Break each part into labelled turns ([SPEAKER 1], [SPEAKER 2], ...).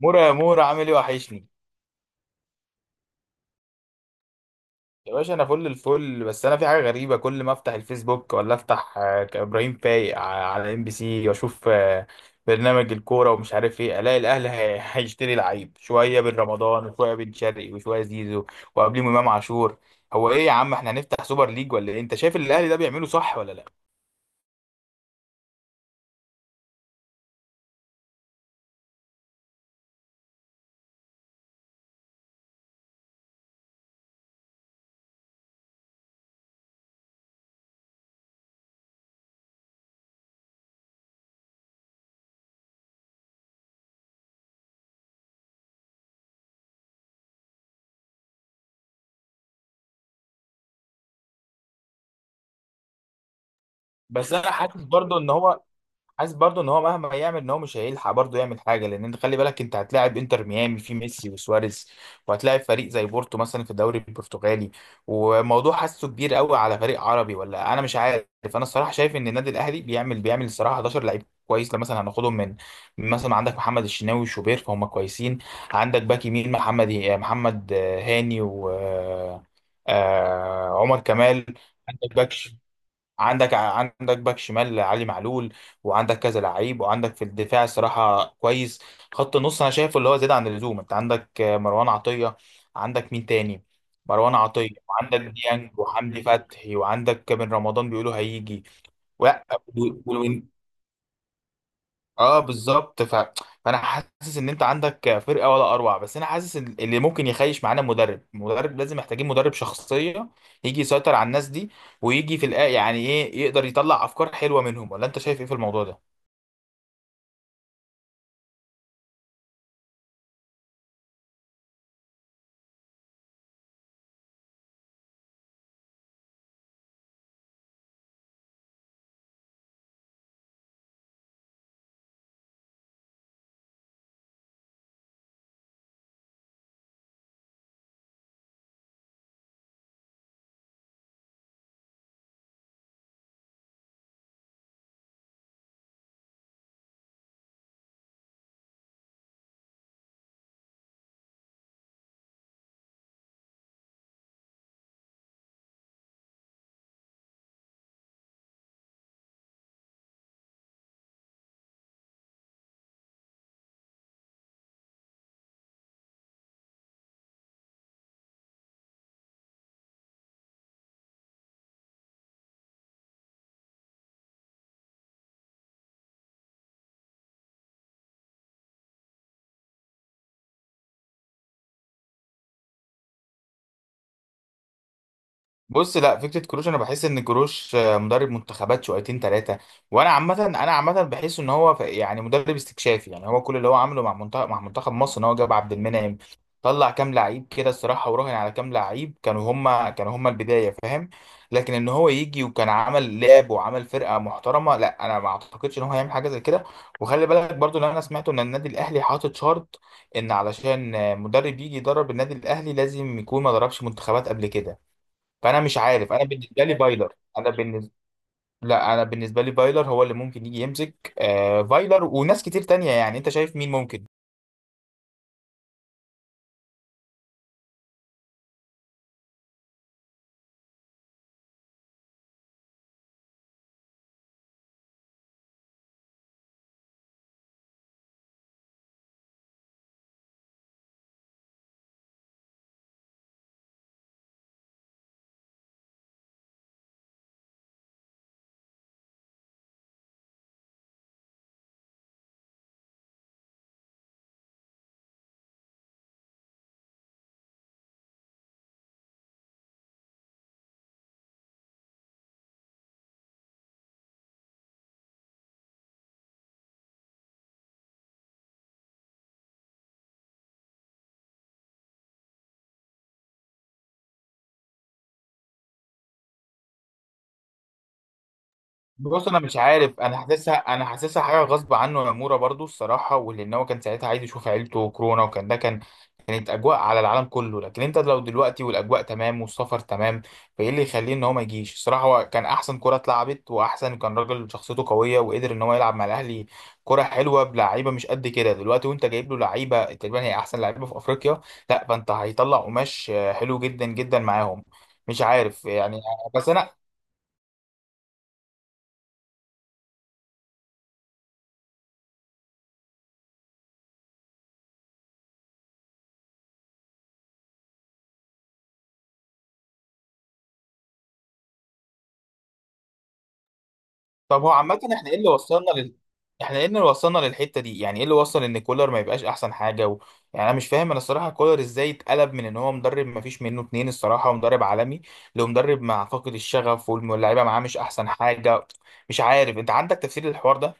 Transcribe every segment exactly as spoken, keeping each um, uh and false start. [SPEAKER 1] مورا يا مورا عامل ايه؟ وحشني. يا باشا انا فل الفل. بس انا في حاجه غريبه، كل ما افتح الفيسبوك ولا افتح آه، ابراهيم فايق ع- على ام بي سي واشوف آه، برنامج الكوره، ومش عارف ايه. الاقي الاهلي هي- هيشتري لعيب، شويه بن رمضان وشويه بن شرقي وشويه زيزو وقبليهم امام عاشور. هو ايه يا عم؟ احنا هنفتح سوبر ليج ولا ايه؟ انت شايف اللي الاهلي ده بيعمله صح ولا لا؟ بس انا حاسس برضو ان هو حاسس برضو ان هو مهما يعمل ان هو مش هيلحق برضو يعمل حاجه، لان انت خلي بالك انت هتلاعب انتر ميامي في ميسي وسواريز، وهتلاعب فريق زي بورتو مثلا في الدوري البرتغالي، وموضوع حاسه كبير قوي على فريق عربي، ولا انا مش عارف. انا الصراحه شايف ان النادي الاهلي بيعمل بيعمل الصراحه احد عشر لعيب كويس، لما مثلا هناخدهم من من مثلا عندك محمد الشناوي وشوبير، فهم كويسين. عندك باك يمين محمد محمد هاني، و آه، آه، عمر كمال. عندك باك عندك عندك باك شمال علي معلول، وعندك كذا لعيب، وعندك في الدفاع صراحة كويس. خط النص انا شايفه اللي هو زيادة عن اللزوم، انت عندك آه، مروان عطية، عندك مين تاني؟ مروان عطية، وعندك ديانج، وحمدي فتحي، وعندك بن رمضان بيقولوا هيجي و- اه بالظبط ف... فانا حاسس ان انت عندك فرقه ولا اروع، بس انا حاسس إن اللي ممكن يخيش معانا مدرب مدرب لازم، محتاجين مدرب شخصيه يجي يسيطر على الناس دي، ويجي في الآ يعني ايه يقدر يطلع افكار حلوه منهم، ولا انت شايف ايه في الموضوع ده؟ بص، لا، فكره كروش، انا بحس ان كروش آه، مدرب منتخبات شويتين ثلاثه. وانا عامه انا عامه بحس ان هو ف- يعني مدرب استكشافي، يعني هو كل اللي هو عمله مع منتخب مع منتخب مصر ان هو جاب عبد المنعم، طلع كام لعيب كده الصراحه، وراهن على كام لعيب كانوا هما كانوا هما البدايه، فاهم؟ لكن ان هو يجي وكان عمل لعب وعمل فرقه محترمه، لا انا ما اعتقدش ان هو هيعمل حاجه زي كده. وخلي بالك برضو ان انا سمعت ان النادي الاهلي حاطط شرط ان علشان آه، مدرب يجي يدرب النادي الاهلي لازم يكون ما دربش منتخبات قبل كده، فانا مش عارف. انا بالنسبه لي فايلر انا بالنسبه لا، انا بالنسبه لي فايلر هو اللي ممكن يجي يمسك، آه فايلر وناس كتير تانية، يعني انت شايف مين ممكن؟ بص، انا مش عارف، انا حاسسها انا حاسسها حاجه غصب عنه يا مورا برضو الصراحه، ولان هو كان ساعتها عايز يشوف عيلته وكورونا، وكان ده كان كانت اجواء على العالم كله، لكن انت لو دلوقتي والاجواء تمام والسفر تمام، فايه اللي يخليه ان هو ما يجيش الصراحه؟ هو كان احسن كره اتلعبت، واحسن، كان راجل شخصيته قويه، وقدر ان هو يلعب مع الاهلي كره حلوه بلعيبه مش قد كده دلوقتي، وانت جايب له لعيبه تقريبا هي احسن لعيبه في افريقيا، لا فانت هيطلع قماش آه، حلو جدا جدا معاهم، مش عارف يعني. بس انا طب هو عامة احنا ايه اللي وصلنا لل... احنا ايه اللي وصلنا للحتة دي؟ يعني ايه اللي وصل ان كولر ما يبقاش احسن حاجة و... يعني انا مش فاهم، انا الصراحة كولر ازاي اتقلب من ان هو مدرب ما فيش منه اتنين الصراحة ومدرب عالمي، لمدرب مع فاقد الشغف واللاعيبة معاه مش احسن حاجة؟ مش عارف، انت عندك تفسير للحوار ده؟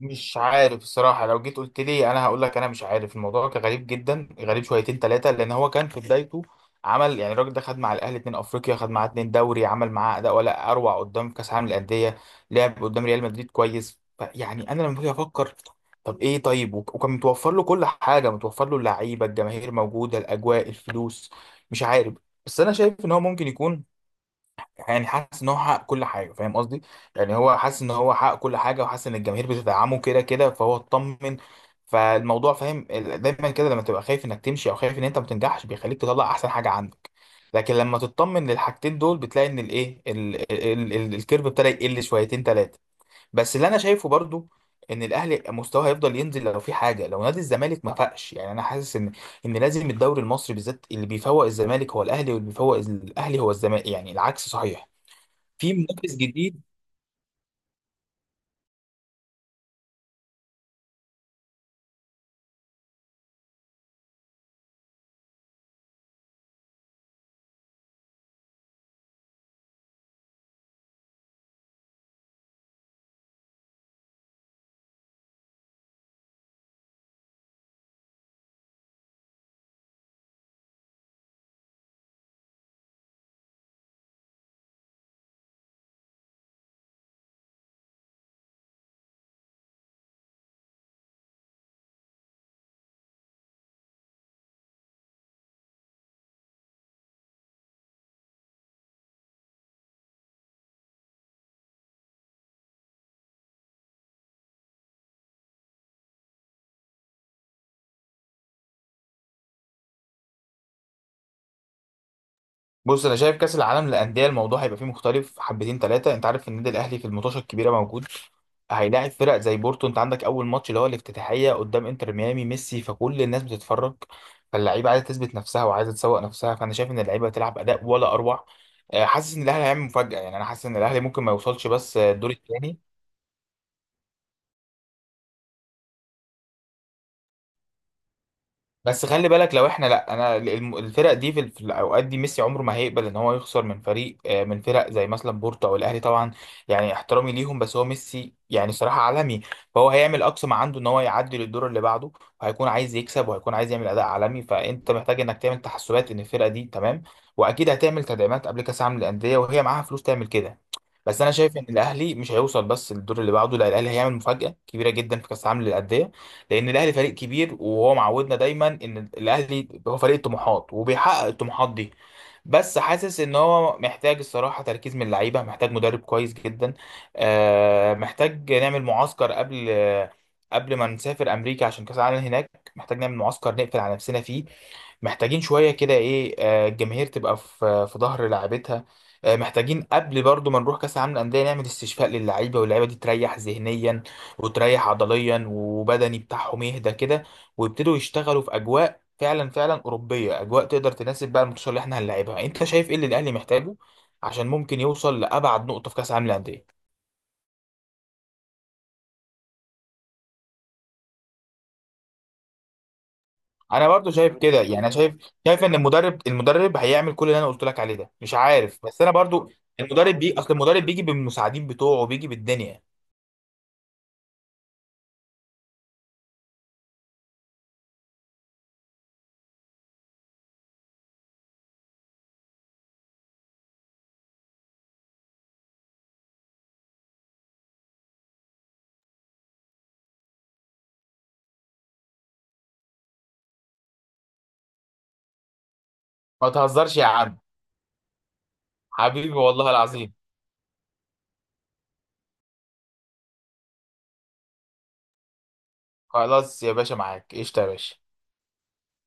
[SPEAKER 1] مش عارف الصراحة، لو جيت قلت لي أنا هقول لك أنا مش عارف. الموضوع كان غريب جدا، غريب شويتين ثلاثة، لأن هو كان في بدايته عمل، يعني الراجل ده خد مع الأهلي اتنين أفريقيا، خد معاه اتنين دوري، عمل معاه أداء ولا أروع قدام كأس العالم للأندية، لعب قدام ريال مدريد كويس، ف- يعني أنا لما باجي أفكر، طب إيه؟ طيب، وك- وكان متوفر له كل حاجة، متوفر له اللعيبة، الجماهير موجودة، الأجواء، الفلوس، مش عارف. بس أنا شايف إن هو ممكن يكون، يعني حاسس ان هو حقق كل حاجه، فاهم قصدي؟ يعني هو حاسس ان هو حقق كل حاجه، وحاسس ان الجماهير بتدعمه كده كده، فهو اطمن فالموضوع، فاهم؟ ال- دايما كده لما تبقى خايف انك تمشي او خايف ان انت ما تنجحش بيخليك تطلع احسن حاجه عندك، لكن لما تطمن للحاجتين دول بتلاقي ان الايه ال- ال- ال- الكيرف ابتدى يقل شويتين ثلاثه. بس اللي انا شايفه برضو ان الاهلي مستواه هيفضل ينزل لو في حاجه، لو نادي الزمالك ما فاقش، يعني انا حاسس ان ان لازم الدوري المصري بالذات، اللي بيفوق الزمالك هو الاهلي، واللي بيفوق الاهلي هو الزمالك، يعني العكس صحيح، في منافس جديد. بص انا شايف كاس العالم للانديه الموضوع هيبقى فيه مختلف حبتين ثلاثه، انت عارف النادي الاهلي في الماتشات الكبيره موجود، هيلاعب فرق زي بورتو، انت عندك اول ماتش اللي هو الافتتاحيه قدام انتر ميامي ميسي، فكل الناس بتتفرج، فاللعيبه عايزه تثبت نفسها وعايزه تسوق نفسها، فانا شايف ان اللعيبه هتلعب اداء ولا اروع، آه، حاسس ان الاهلي هيعمل مفاجاه، يعني انا حاسس ان الاهلي ممكن ما يوصلش بس آه، الدور الثاني. بس خلي بالك لو احنا لا انا الم- الفرق دي في في الاوقات دي، ميسي عمره ما هيقبل ان هو يخسر من فريق آه، من فرق زي مثلا بورتو او الاهلي طبعا، يعني احترامي ليهم، بس هو ميسي يعني صراحة عالمي، فهو هيعمل اقصى ما عنده ان هو يعدي للدور اللي بعده، وهيكون عايز يكسب، وهيكون عايز يعمل اداء عالمي، فانت محتاج انك تعمل تحسبات ان الفرقة دي تمام، واكيد هتعمل تدعيمات قبل كاس عالم للاندية، وهي معاها فلوس تعمل كده. بس انا شايف ان الاهلي مش هيوصل بس للدور اللي بعده، لا الاهلي هيعمل مفاجأة كبيرة جدا في كاس عالم للاندية، لان الاهلي فريق كبير، وهو معودنا دايما ان الاهلي هو فريق الطموحات وبيحقق الطموحات دي. بس حاسس ان هو محتاج الصراحه تركيز من اللعيبه، محتاج مدرب كويس جدا، آه، محتاج نعمل معسكر قبل قبل ما نسافر امريكا عشان كاس العالم هناك، محتاج نعمل معسكر نقفل على نفسنا فيه، محتاجين شوية كده ايه، آه، الجماهير تبقى في في ظهر لاعبتها، آه، محتاجين قبل برضو ما نروح كأس العالم للأندية نعمل استشفاء للعيبة، واللعيبة دي تريح ذهنيا وتريح عضليا، وبدني بتاعهم يهدى كده، ويبتدوا يشتغلوا في أجواء فعلا فعلا أوروبية، أجواء تقدر تناسب بقى الماتشات اللي احنا هنلعبها. أنت شايف ايه اللي الأهلي محتاجه عشان ممكن يوصل لأبعد نقطة في كأس العالم للأندية؟ انا برضو شايف كده، يعني انا شايف شايف ان المدرب المدرب هيعمل كل اللي انا قلت لك عليه ده، مش عارف، بس انا برضو، المدرب بي اصل المدرب بيجي بالمساعدين بتوعه، بيجي بالدنيا. ما تهزرش يا عم. حبيبي والله العظيم. خلاص يا باشا، معاك قشطة يا باشا.